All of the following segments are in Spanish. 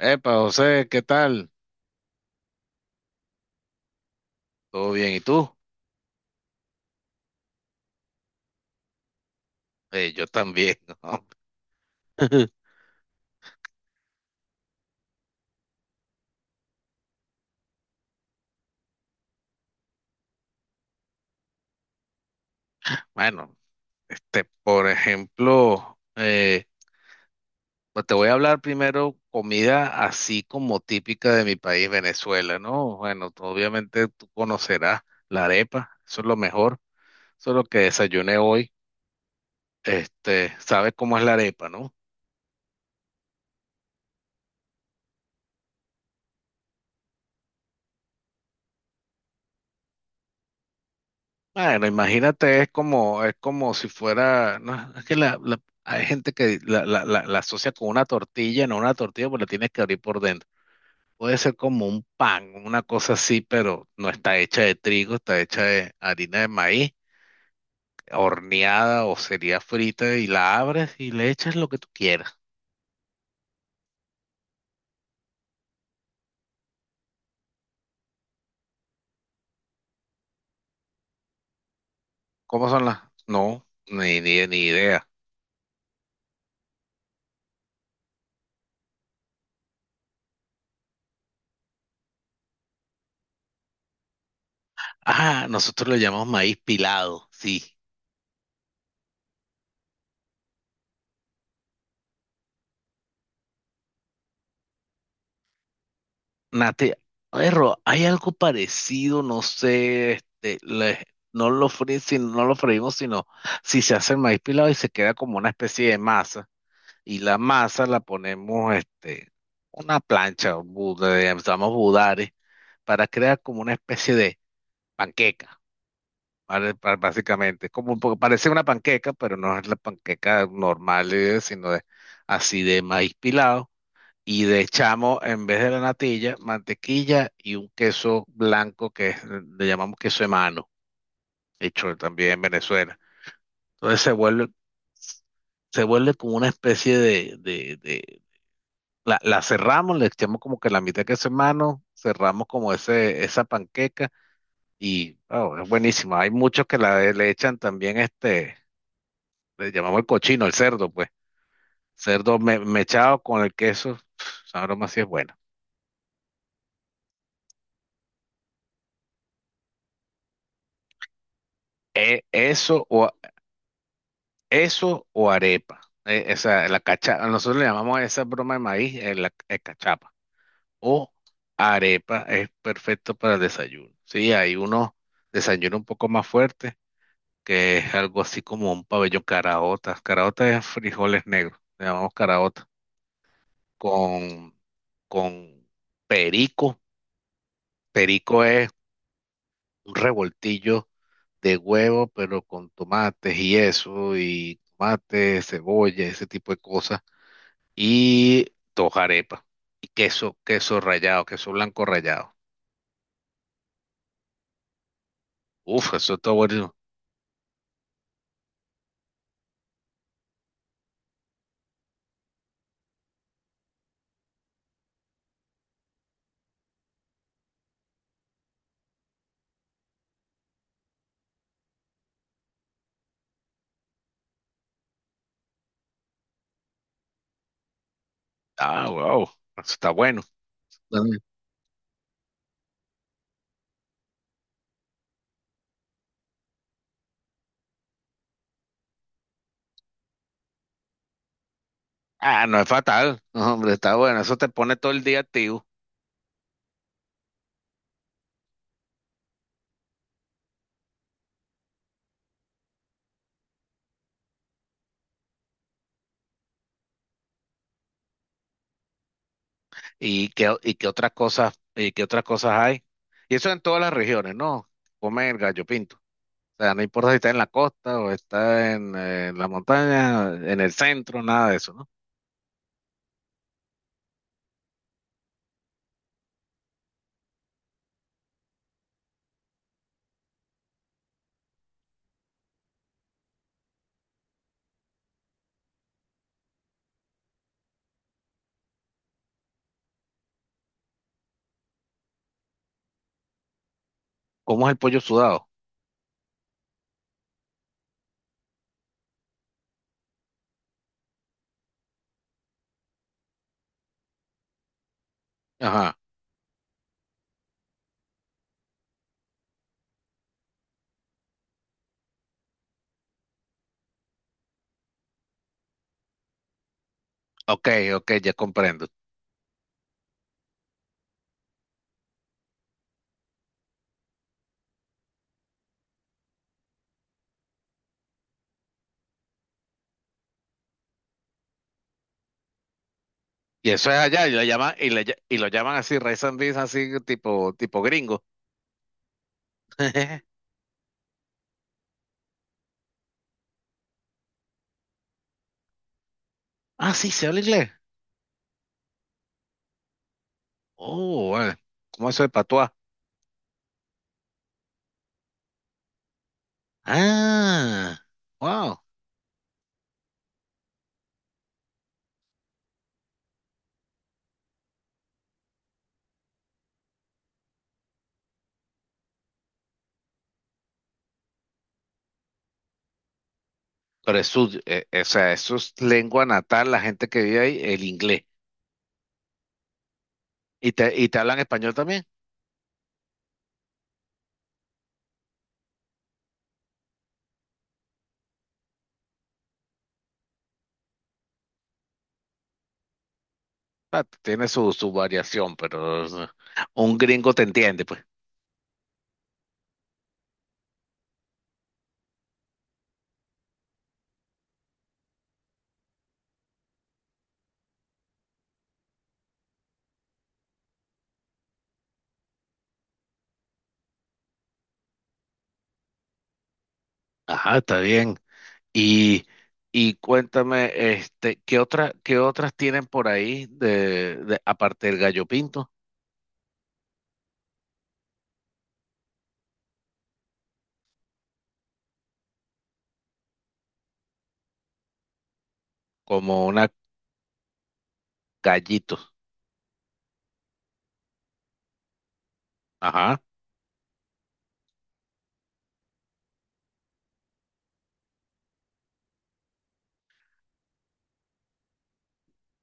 Epa, José, ¿qué tal? ¿Todo bien? ¿Y tú? Yo también. ¿No? Bueno, por ejemplo, pues te voy a hablar primero comida así como típica de mi país, Venezuela, ¿no? Bueno, obviamente tú conocerás la arepa, eso es lo mejor, eso es lo que desayuné hoy. Este, sabes cómo es la arepa, ¿no? Bueno, imagínate, es como si fuera, no, es que hay gente que la asocia con una tortilla, no una tortilla, porque la tienes que abrir por dentro. Puede ser como un pan, una cosa así, pero no está hecha de trigo, está hecha de harina de maíz, horneada o sería frita, y la abres y le echas lo que tú quieras. ¿Cómo son las? No, ni idea. Ah, nosotros lo llamamos maíz pilado, sí. Nate, perro, hay algo parecido, no sé, no lo fríen, no lo freímos, sino si se hace el maíz pilado y se queda como una especie de masa, y la masa la ponemos, este, una plancha, llamamos budare, para crear como una especie de panqueca, ¿vale? Básicamente, como un parece una panqueca, pero no es la panqueca normal, sino así de maíz pilado y le echamos en vez de la natilla, mantequilla y un queso blanco que le llamamos queso de mano, hecho también en Venezuela. Entonces se vuelve como una especie de, la, la cerramos, le echamos como que la mitad de queso de mano, cerramos como ese, esa panqueca y oh, es buenísima. Hay muchos que la, le echan también este, le llamamos el cochino, el cerdo, pues. Mechado con el queso, esa broma sí es buena. Eso o, eso o arepa. Esa, la cachapa. Nosotros le llamamos a esa broma de maíz la cachapa. O arepa es perfecto para el desayuno. Sí, hay unos desayunos un poco más fuertes, que es algo así como un pabellón caraota. Caraota es frijoles negros. Le llamamos caraota. Con, con perico. Perico es un revoltillo de huevo, pero con tomates y eso, y tomate, cebolla, ese tipo de cosas y dos arepas y queso, queso rallado, queso blanco rallado. Uf, eso está bueno. Ah, wow, eso está bueno. Mm. Ah, no es fatal. No, hombre, está bueno. Eso te pone todo el día activo. Y qué otras cosas, y qué otras cosas hay? Y eso en todas las regiones, ¿no? Come el gallo pinto. O sea, no importa si está en la costa o está en, la montaña, en el centro, nada de eso, ¿no? ¿Cómo es el pollo sudado? Ajá. Ok, ok, ya comprendo. Y eso es allá, y lo llaman, y, y lo llaman así, race and beans, así tipo, tipo gringo. Ah, sí, se habla inglés. Oh, bueno. ¿Cómo eso de patuá? Ah, wow. Pero es su, o sea, eso es lengua natal, la gente que vive ahí, el inglés. Y te hablan español también? Ah, tiene su, su variación, pero o sea, un gringo te entiende, pues. Ajá, está bien. Y, y cuéntame, este, qué otras tienen por ahí de, aparte del gallo pinto? Como una gallito. Ajá.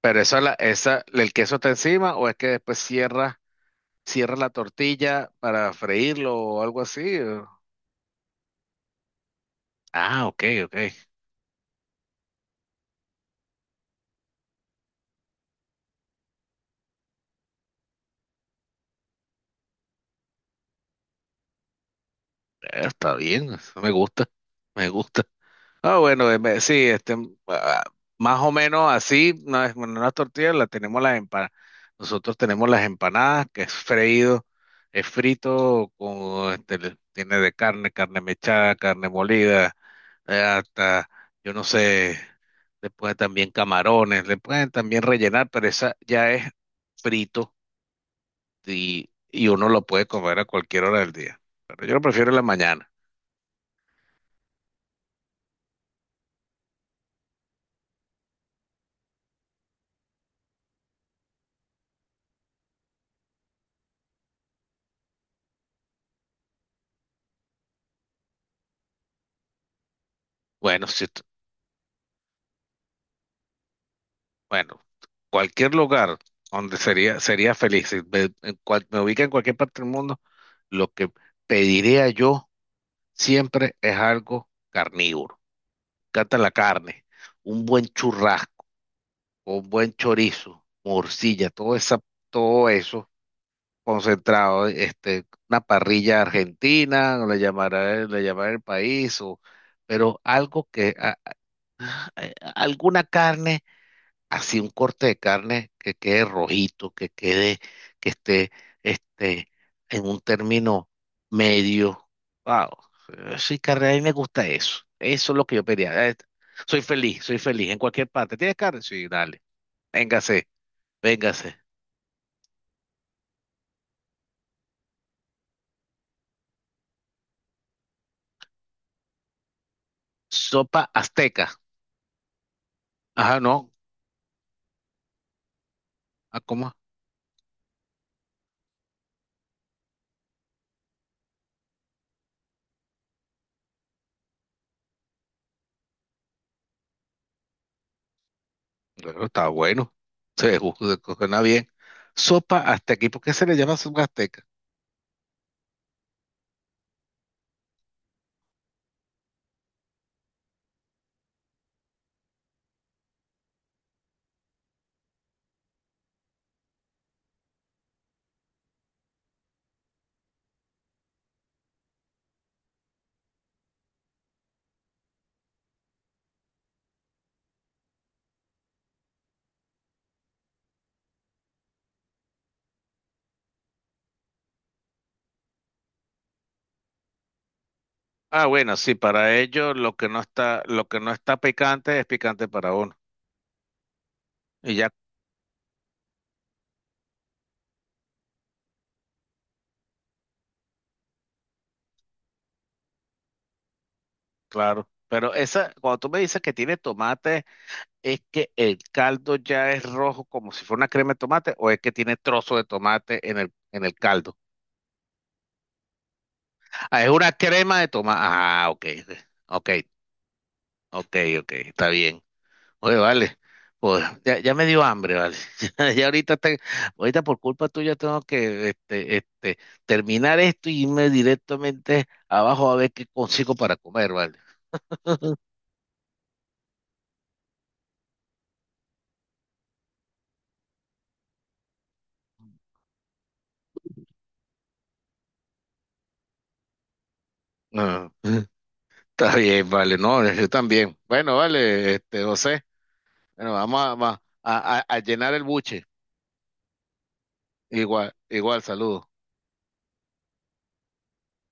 Pero esa, la, esa, el queso está encima o es que después cierra, cierra la tortilla para freírlo o algo así. Ah, ok, ok. Está bien, eso me gusta, me gusta. Ah, bueno, sí, ah, más o menos así, no es bueno, una tortilla, la tenemos las empanadas. Nosotros tenemos las empanadas, que es freído, es frito, con, este, tiene de carne, carne mechada, carne molida, hasta, yo no sé, le pueden también camarones, le pueden también rellenar, pero esa ya es frito y uno lo puede comer a cualquier hora del día. Pero yo lo prefiero en la mañana. Bueno, sí, bueno, cualquier lugar donde sería, sería feliz, si me, me ubica en cualquier parte del mundo, lo que pediría yo siempre es algo carnívoro. Me encanta la carne, un buen churrasco, un buen chorizo, morcilla, todo esa, todo eso concentrado, este, una parrilla argentina, le llamará el país, o, pero algo que, alguna carne así un corte de carne que quede rojito, que quede, que esté, este, en un término medio. Wow, sí, carne, a mí me gusta eso. Eso es lo que yo pedía. Soy feliz en cualquier parte. ¿Tienes carne? Sí, dale. Véngase, véngase. Sopa azteca. Ajá, no. Ah, ¿cómo? Bueno, está bueno. Se ju- Suena bien. Sopa azteca. ¿Y por qué se le llama sopa azteca? Ah, bueno, sí, para ellos lo que no está, lo que no está picante es picante para uno. Y ya, claro. Pero esa, cuando tú me dices que tiene tomate, ¿es que el caldo ya es rojo como si fuera una crema de tomate o es que tiene trozo de tomate en el caldo? Ah, es una crema de tomate. Ah, ok. Ok, ok, ok, está bien. Oye, vale, pues ya, ya me dio hambre, vale. Ya, ya ahorita, ahorita por culpa tuya tengo que terminar esto y irme directamente abajo a ver qué consigo para comer, vale. Ah, está bien, vale, no, yo también. Bueno, vale, este, José, bueno, vamos a, a llenar el buche. Igual, igual, saludos.